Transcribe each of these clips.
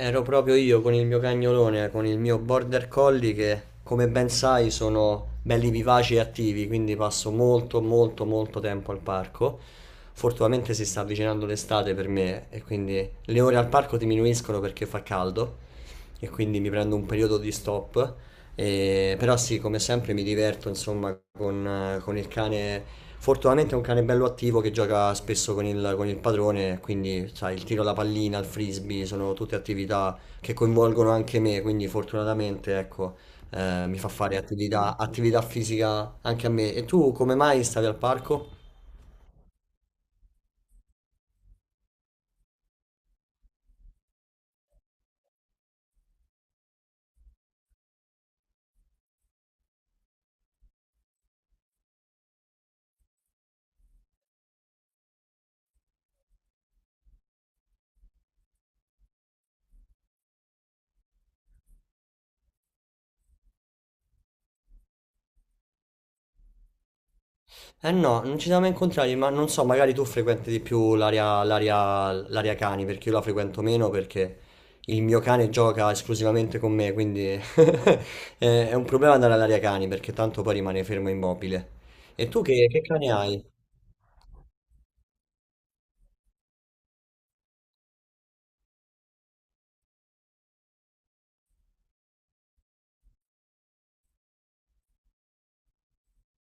Ero proprio io con il mio cagnolone, con il mio border collie che, come ben sai, sono belli vivaci e attivi, quindi passo molto tempo al parco. Fortunatamente si sta avvicinando l'estate per me e quindi le ore al parco diminuiscono perché fa caldo e quindi mi prendo un periodo di stop però sì, come sempre mi diverto insomma con il cane. Fortunatamente è un cane bello attivo che gioca spesso con il padrone, quindi sai, il tiro alla pallina, il frisbee sono tutte attività che coinvolgono anche me, quindi fortunatamente ecco, mi fa fare attività fisica anche a me. E tu come mai stavi al parco? Eh no, non ci siamo mai incontrati, ma non so, magari tu frequenti di più l'area cani, perché io la frequento meno perché il mio cane gioca esclusivamente con me, quindi è un problema andare all'area cani perché tanto poi rimane fermo immobile. E tu che cane hai?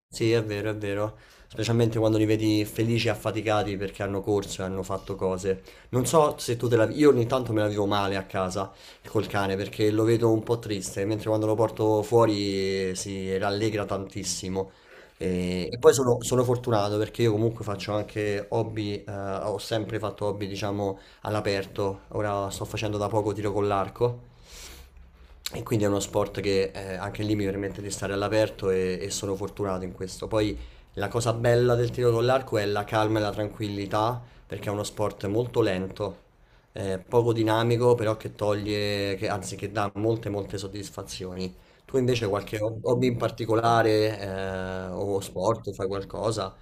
Sì, è vero, è vero. Specialmente quando li vedi felici e affaticati perché hanno corso e hanno fatto cose. Non so se tu te la... Io ogni tanto me la vivo male a casa col cane perché lo vedo un po' triste, mentre quando lo porto fuori si rallegra tantissimo. E poi sono fortunato perché io comunque faccio anche hobby, ho sempre fatto hobby, diciamo, all'aperto. Ora sto facendo da poco tiro con l'arco e quindi è uno sport che anche lì mi permette di stare all'aperto e sono fortunato in questo. Poi la cosa bella del tiro con l'arco è la calma e la tranquillità, perché è uno sport molto lento, poco dinamico, però che toglie, che, anzi che dà molte molte soddisfazioni. Tu invece qualche hobby in particolare o sport, fai qualcosa?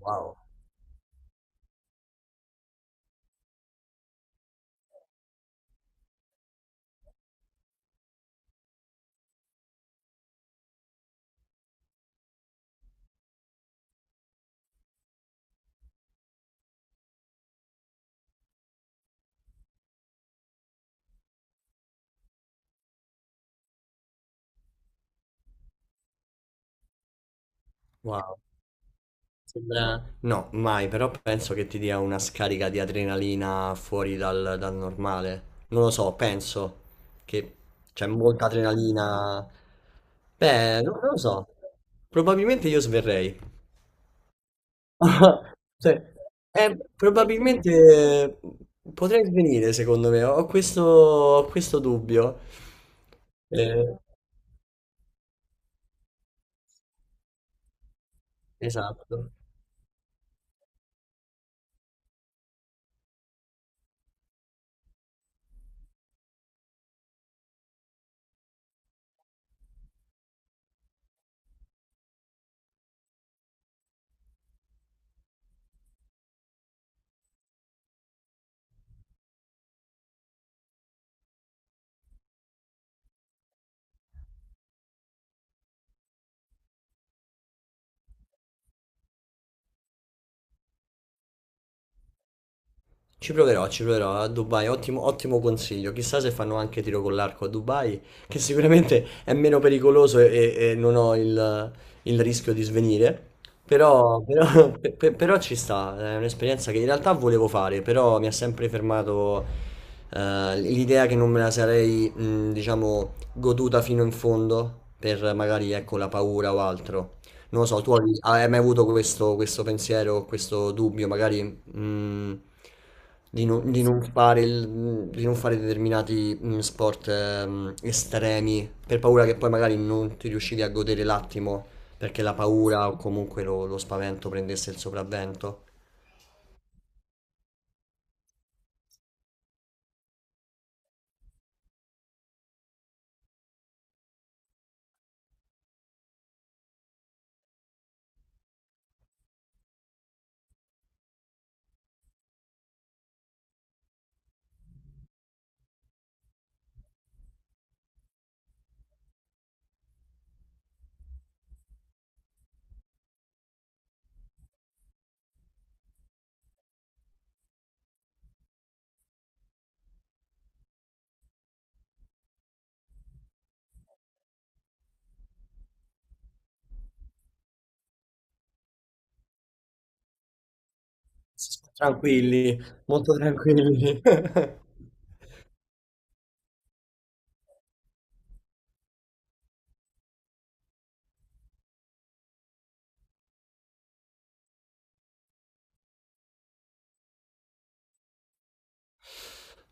Wow, wow. Sembra... No, mai, però penso che ti dia una scarica di adrenalina fuori dal normale. Non lo so, penso che c'è molta adrenalina. Beh, non lo so. Probabilmente io sverrei. Cioè, probabilmente potrei svenire, secondo me. Ho questo dubbio. Eh, esatto. Ci proverò a Dubai, ottimo, ottimo consiglio. Chissà se fanno anche tiro con l'arco a Dubai, che sicuramente è meno pericoloso e non ho il rischio di svenire. Però ci sta, è un'esperienza che in realtà volevo fare, però mi ha sempre fermato l'idea che non me la sarei, diciamo, goduta fino in fondo per magari, ecco, la paura o altro. Non lo so, tu hai mai avuto questo pensiero, questo dubbio, magari mm, non di non di non fare determinati mm, sport estremi per paura che poi magari non ti riuscivi a godere l'attimo perché la paura o comunque lo spavento prendesse il sopravvento. Tranquilli, molto tranquilli.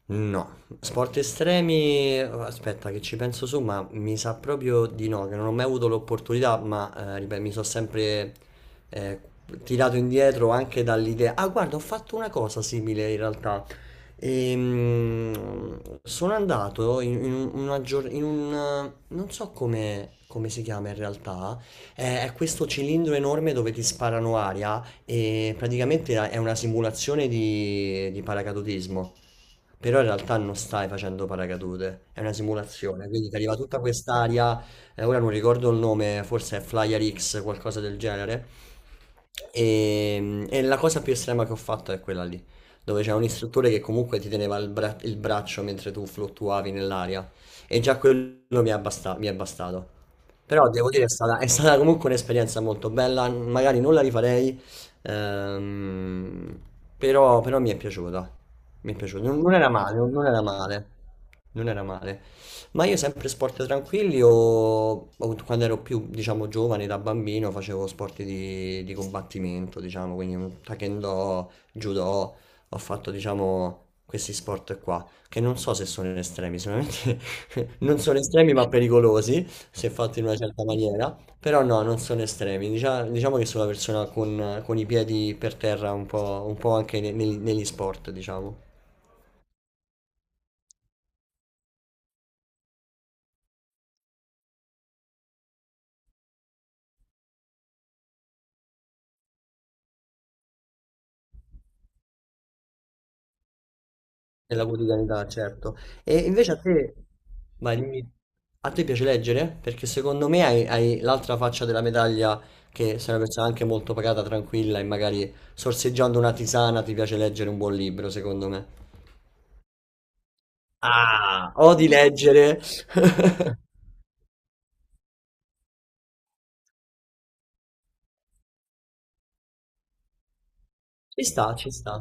No, sport estremi, aspetta che ci penso su, ma mi sa proprio di no, che non ho mai avuto l'opportunità, ma ripeto, mi sono sempre eh, tirato indietro anche dall'idea. Ah, guarda, ho fatto una cosa simile in realtà. Sono andato in in un... non so come si chiama in realtà, è questo cilindro enorme dove ti sparano aria e praticamente è una simulazione di paracadutismo. Però in realtà non stai facendo paracadute, è una simulazione, quindi ti arriva tutta quest'aria, ora non ricordo il nome, forse è Flyer X, qualcosa del genere, e la cosa più estrema che ho fatto è quella lì, dove c'è un istruttore che comunque ti teneva il braccio mentre tu fluttuavi nell'aria, e già quello mi è bastato. Però devo dire è stata comunque un'esperienza molto bella, magari non la rifarei, ehm, però, però mi è piaciuta, non era non era non era male. Ma io sempre sport tranquilli o quando ero più, diciamo, giovane, da bambino, facevo sport di combattimento, diciamo, quindi taekwondo, judo, ho fatto, diciamo, questi sport qua, che non so se sono estremi, sicuramente non sono estremi ma pericolosi se fatto in una certa maniera, però no, non sono estremi, diciamo, che sono una persona con i piedi per terra un po' anche negli negli sport, diciamo, nella quotidianità, certo. E invece a te, vai, dimmi, a te piace leggere? Perché secondo me hai, hai l'altra faccia della medaglia, che sei una persona anche molto pagata, tranquilla e magari sorseggiando una tisana ti piace leggere un buon libro, secondo me. Ah, odi leggere. Ci sta, ci sta.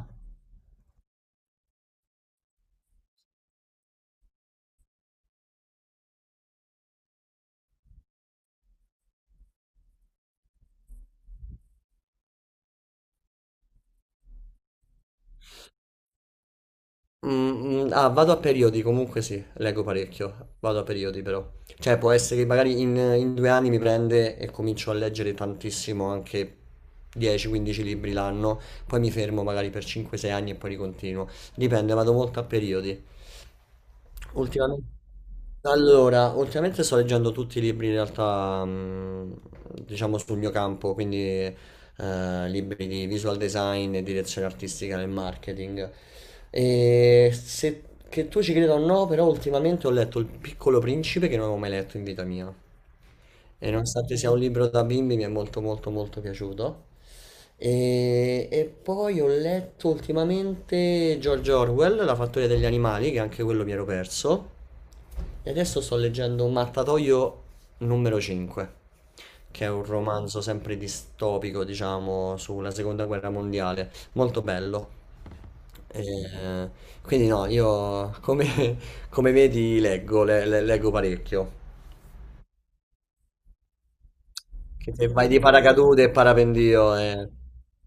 Mm, mm, ah, vado a periodi, comunque sì, leggo parecchio, vado a periodi però. Cioè può essere che magari in 2 anni mi prende e comincio a leggere tantissimo, anche 10-15 libri l'anno, poi mi fermo magari per 5-6 anni e poi ricontinuo. Dipende, vado molto a periodi. Ultimamente, allora, ultimamente sto leggendo tutti i libri in realtà, mm, diciamo sul mio campo, quindi libri di visual design e direzione artistica nel marketing. E se che tu ci creda o no, però ultimamente ho letto Il Piccolo Principe che non avevo mai letto in vita mia. E nonostante sia un libro da bimbi, mi è molto molto molto piaciuto. E poi ho letto ultimamente George Orwell, La fattoria degli animali, che anche quello mi ero perso. E adesso sto leggendo Mattatoio numero 5, che è un romanzo sempre distopico, diciamo, sulla seconda guerra mondiale. Molto bello. Eh, quindi no, come vedi leggo, leggo parecchio. Che se vai di paracadute e parapendio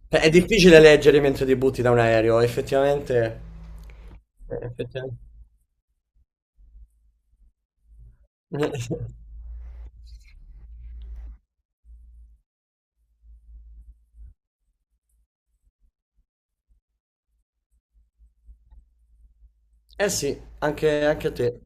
è difficile leggere mentre ti butti da un aereo, effettivamente. Effettivamente. Eh sì, anche a te.